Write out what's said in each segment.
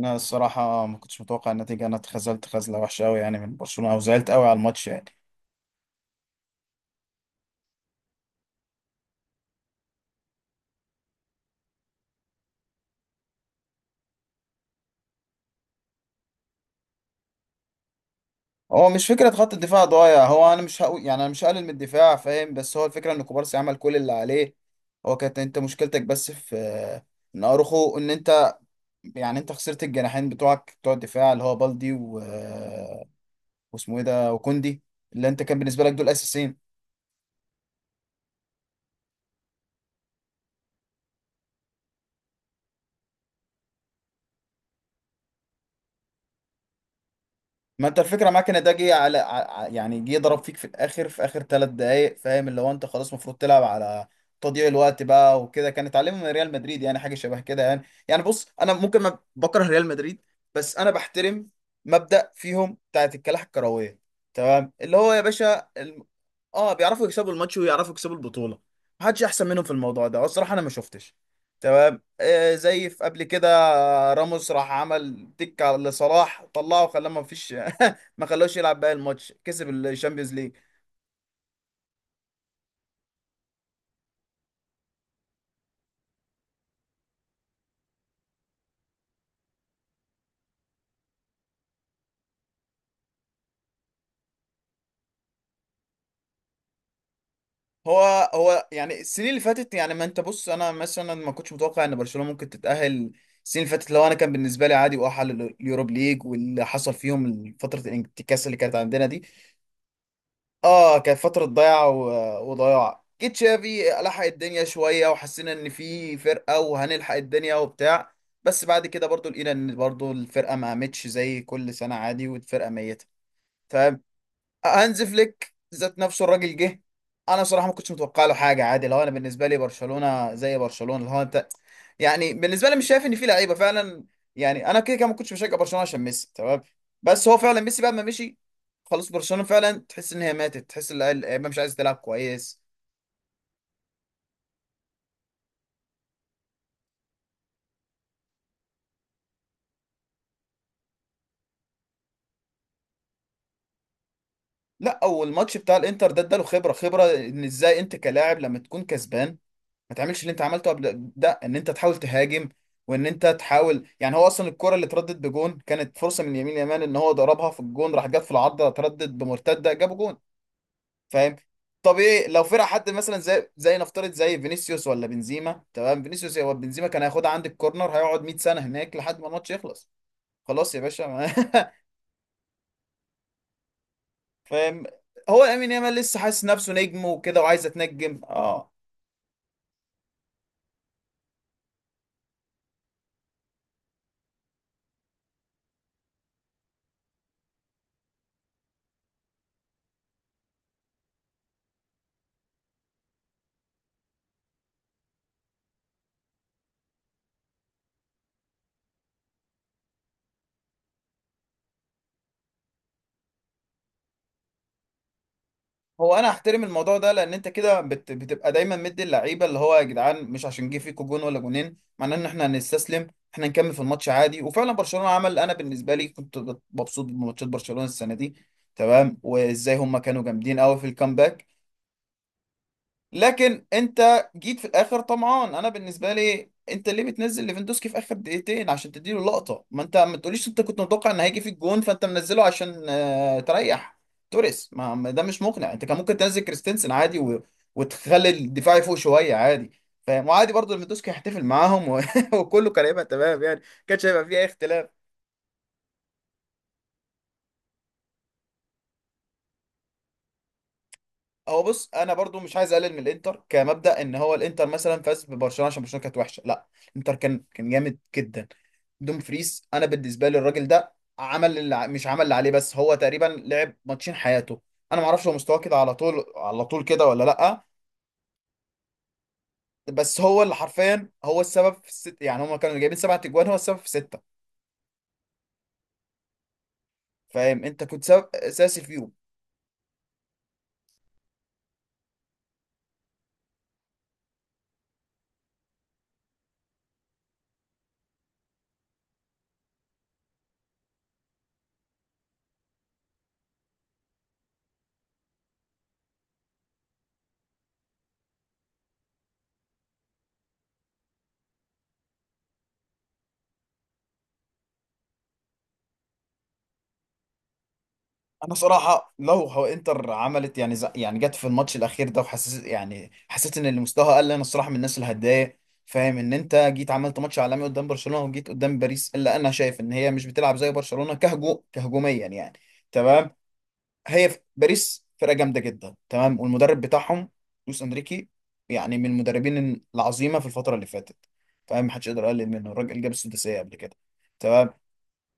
انا الصراحه ما كنتش متوقع النتيجه. انا اتخذلت خذله وحشه قوي يعني من برشلونه او زعلت قوي على الماتش يعني. هو مش فكره خط الدفاع ضايع. هو انا مش هقول يعني انا مش هقلل من الدفاع فاهم بس هو الفكره ان كوبارسي عمل كل اللي عليه. هو كانت انت مشكلتك بس في ان اروخو ان انت يعني انت خسرت الجناحين بتوعك بتوع الدفاع اللي هو بالدي واسمه ايه ده وكوندي اللي انت كان بالنسبه لك دول اساسيين. ما انت الفكره معاك ان ده جه على ع- يعني جه ضرب فيك في الاخر في اخر ثلاث دقائق فاهم اللي هو انت خلاص المفروض تلعب على تضييع الوقت بقى وكده كان اتعلمه من ريال مدريد يعني حاجه شبه كده يعني. بص انا ممكن ما بكره ريال مدريد بس انا بحترم مبدأ فيهم بتاعت الكلاح الكرويه تمام اللي هو يا باشا اه بيعرفوا يكسبوا الماتش ويعرفوا يكسبوا البطوله. محدش احسن منهم في الموضوع ده والصراحه انا ما شفتش تمام آه زي في قبل كده. راموس راح عمل تك على لصلاح طلعه خلاه ما فيش ما خلاهوش يلعب باقي الماتش كسب الشامبيونز ليج. هو يعني السنين اللي فاتت يعني ما انت بص انا مثلا ما كنتش متوقع ان برشلونة ممكن تتأهل السنين اللي فاتت لو انا كان بالنسبه لي عادي واحل اليوروب ليج واللي حصل فيهم فتره الانتكاسه اللي كانت عندنا دي. اه كانت فترة ضياع وضياع جيت شافي لحق الدنيا شوية وحسينا ان في فرقة وهنلحق الدنيا وبتاع. بس بعد كده برضو لقينا ان برضو الفرقة ما قامتش زي كل سنة عادي والفرقة ميتة. هانز فليك ذات نفسه الراجل جه. انا صراحه ما كنتش متوقع له حاجه عادي لو انا بالنسبه لي برشلونه زي برشلونه اللي هو انت يعني بالنسبه لي مش شايف ان في لعيبه فعلا. يعني انا كده كده ما كنتش بشجع برشلونه عشان ميسي تمام. بس هو فعلا ميسي بعد ما مشي خلاص برشلونه فعلا تحس ان هي ماتت تحس ان اللعيبه مش عايزه تلعب كويس. لا اول ماتش بتاع الانتر ده اداله خبره خبره ان ازاي انت كلاعب لما تكون كسبان ما تعملش اللي انت عملته قبل ده ان انت تحاول تهاجم وان انت تحاول يعني هو اصلا الكرة اللي اتردت بجون كانت فرصة من يمين يمان ان هو ضربها في الجون راح جت في العارضة اتردت بمرتدة جابوا جون. فاهم طبيعي لو فرق حد مثلا زي نفترض زي فينيسيوس ولا بنزيما تمام فينيسيوس هو بنزيما كان هياخدها عند الكورنر هيقعد 100 سنة هناك لحد ما الماتش يخلص. خلاص يا باشا فاهم هو لامين يامال لسه حاسس نفسه نجم وكده وعايز اتنجم اه. هو انا احترم الموضوع ده لان انت كده بتبقى دايما مدي اللعيبه اللي هو يا جدعان مش عشان جه فيكوا جون ولا جونين معناه ان احنا هنستسلم. احنا نكمل في الماتش عادي وفعلا برشلونه عمل انا بالنسبه لي كنت مبسوط بماتشات برشلونه السنه دي تمام وازاي هم كانوا جامدين قوي في الكامباك. لكن انت جيت في الاخر طمعان انا بالنسبه لي انت ليه بتنزل ليفاندوسكي في اخر دقيقتين عشان تديله اللقطه ما انت ما تقوليش انت كنت متوقع ان هيجي فيك جون فانت منزله عشان تريح توريس ما ده مش مقنع انت كان ممكن تنزل كريستنسن عادي وتخلي الدفاع يفوق شويه عادي. فاهم وعادي برضه ليفاندوسكي هيحتفل معاهم وكله كان هيبقى تمام يعني ما كانش هيبقى فيه اي اختلاف. هو بص انا برضو مش عايز اقلل من الانتر كمبدا ان هو الانتر مثلا فاز ببرشلونه عشان برشلونه كانت وحشه لا. الانتر كان جامد جدا. دوم فريز انا بالنسبه لي الراجل ده عمل اللي ع- مش عمل اللي عليه بس هو تقريبا لعب ماتشين حياته. انا ما اعرفش هو مستواه كده على طول على طول كده ولا لا. بس هو اللي حرفيا هو السبب في الست يعني هم كانوا جايبين سبعة اجوان هو السبب في سته. فاهم انت كنت سبب اساسي فيهم. انا صراحه لو هو انتر عملت يعني جت في الماتش الاخير ده وحسيت يعني حسيت ان اللي مستواها قل انا الصراحه من الناس اللي هتضايق. فاهم ان انت جيت عملت ماتش عالمي قدام برشلونه وجيت قدام باريس الا انا شايف ان هي مش بتلعب زي برشلونه كهجوميا يعني. تمام باريس فرقه جامده جدا تمام والمدرب بتاعهم لويس انريكي يعني من المدربين العظيمه في الفتره اللي فاتت. فاهم محدش يقدر يقلل منه الراجل جاب السداسيه قبل كده تمام.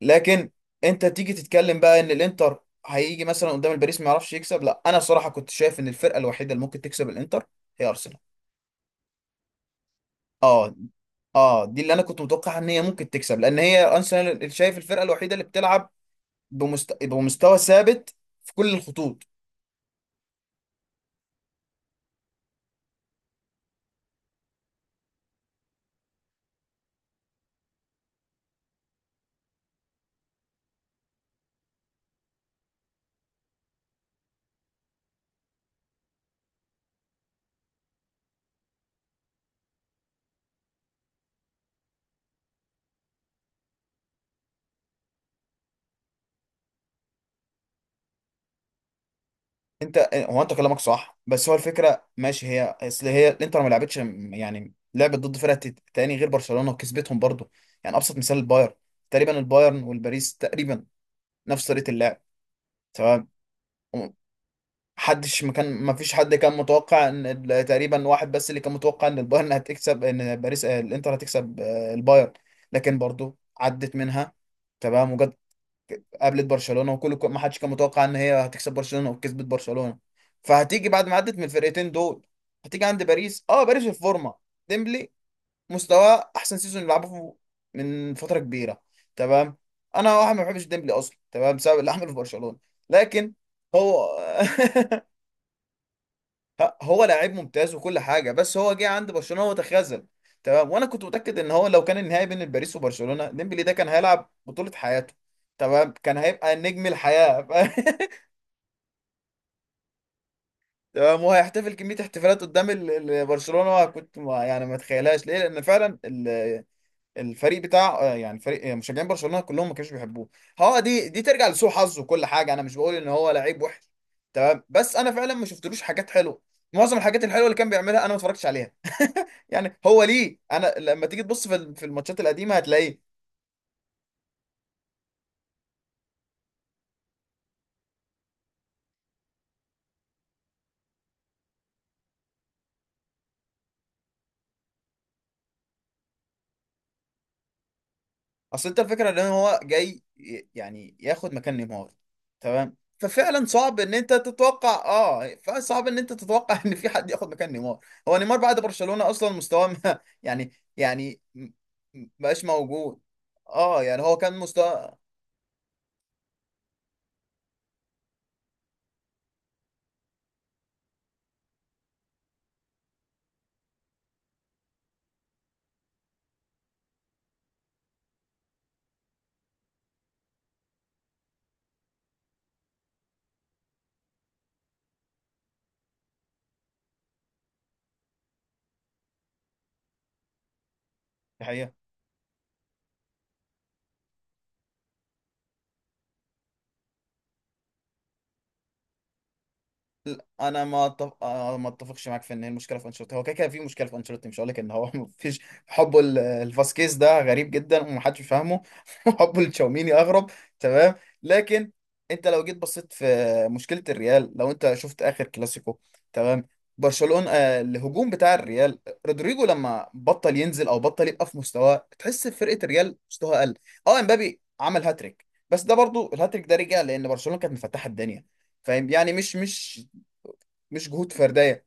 لكن انت تيجي تتكلم بقى ان الانتر هيجي مثلا قدام الباريس ما يعرفش يكسب لا انا صراحة كنت شايف ان الفرقة الوحيدة اللي ممكن تكسب الانتر هي ارسنال. اه اه دي اللي انا كنت متوقع ان هي ممكن تكسب لان هي ارسنال اللي شايف الفرقة الوحيدة اللي بتلعب بمستوى ثابت في كل الخطوط. انت هو انت كلامك صح بس هو الفكرة ماشي هي اصل هي الانتر ما لعبتش يعني لعبت ضد فرقة تاني غير برشلونة وكسبتهم برضو. يعني ابسط مثال البايرن تقريبا البايرن والباريس تقريبا نفس طريقة اللعب. محدش ما كان ما فيش حد كان متوقع ان تقريبا واحد بس اللي كان متوقع ان البايرن هتكسب ان باريس الانتر هتكسب البايرن. لكن برضو عدت منها تمام وجت قابلت برشلونة وكل ما حدش كان متوقع ان هي هتكسب برشلونة وكسبت برشلونة. فهتيجي بعد ما عدت من الفرقتين دول هتيجي عند باريس اه باريس في الفورمة. ديمبلي مستواه احسن سيزون يلعبه من فترة كبيرة تمام. انا واحد ما بحبش ديمبلي اصلا تمام بسبب اللي عمله في برشلونة. لكن هو هو لعيب ممتاز وكل حاجه بس هو جه عند برشلونه وتخاذل تمام. وانا كنت متاكد ان هو لو كان النهائي بين باريس وبرشلونه ديمبلي ده كان هيلعب بطوله حياته تمام كان هيبقى نجم الحياه تمام. وهيحتفل كميه احتفالات قدام برشلونه كنت ما يعني ما اتخيلهاش ليه لان فعلا الفريق بتاع يعني فريق مشجعين برشلونة كلهم ما كانوش بيحبوه. هو دي ترجع لسوء حظه وكل حاجة انا مش بقول ان هو لعيب وحش تمام. بس انا فعلا ما شفتلوش حاجات حلوة. معظم الحاجات الحلوة اللي كان بيعملها انا ما اتفرجتش عليها يعني هو ليه انا لما تيجي تبص في في الماتشات القديمة هتلاقيه. اصل انت الفكره ان هو جاي يعني ياخد مكان نيمار تمام. ففعلا صعب ان انت تتوقع اه فصعب ان انت تتوقع ان في حد ياخد مكان نيمار. هو نيمار بعد برشلونه اصلا مستواه ما- يعني يعني مبقاش موجود اه يعني هو كان مستوى. انا ما أتف... آه، ما اتفقش معاك في ان هي المشكله في انشيلوتي هو كده كده في مشكله في انشيلوتي مش هقول لك ان هو ما فيش. حبه لفاسكيز ده غريب جدا ومحدش فاهمه حبه لتشاوميني اغرب تمام. لكن انت لو جيت بصيت في مشكله الريال لو انت شفت اخر كلاسيكو تمام. برشلونه الهجوم بتاع الريال رودريجو لما بطل ينزل او بطل يبقى في مستواه تحس فرقه الريال مستواها قل. اه امبابي عمل هاتريك بس ده برضو الهاتريك ده رجع لان برشلونه كانت مفتحه الدنيا. فاهم يعني مش جهود فرديه.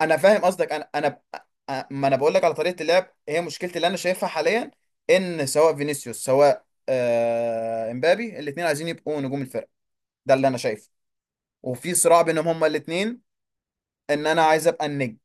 انا فاهم قصدك انا انا ما انا بقول لك على طريقه اللعب هي مشكلتي اللي انا شايفها حاليا. ان سواء فينيسيوس سواء امبابي الاثنين عايزين يبقوا نجوم الفرقه. ده اللي انا شايفه وفي صراع بينهم هما الاثنين ان انا عايز ابقى النجم.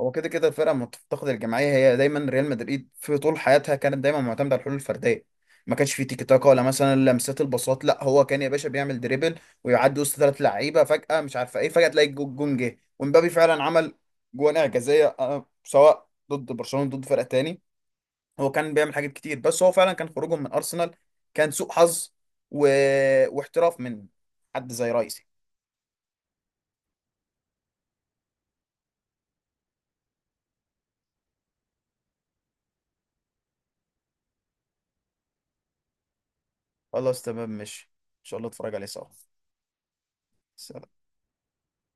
هو كده كده الفرقه لما بتفتقد الجماعيه هي دايما ريال مدريد في طول حياتها كانت دايما معتمده على الحلول الفرديه. ما كانش في تيكي تاكا ولا مثلا لمسات البساط لا هو كان يا باشا بيعمل دريبل ويعدي وسط ثلاث لعيبه فجاه مش عارفه ايه فجاه تلاقي الجون جه ومبابي فعلا عمل جوان اعجازيه سواء ضد برشلونه ضد فرقه تاني. هو كان بيعمل حاجات كتير بس هو فعلا كان خروجهم من ارسنال كان سوء حظ و... واحتراف من حد زي رايسي. خلاص تمام ماشي ان شاء الله اتفرج عليه سوا. سلام.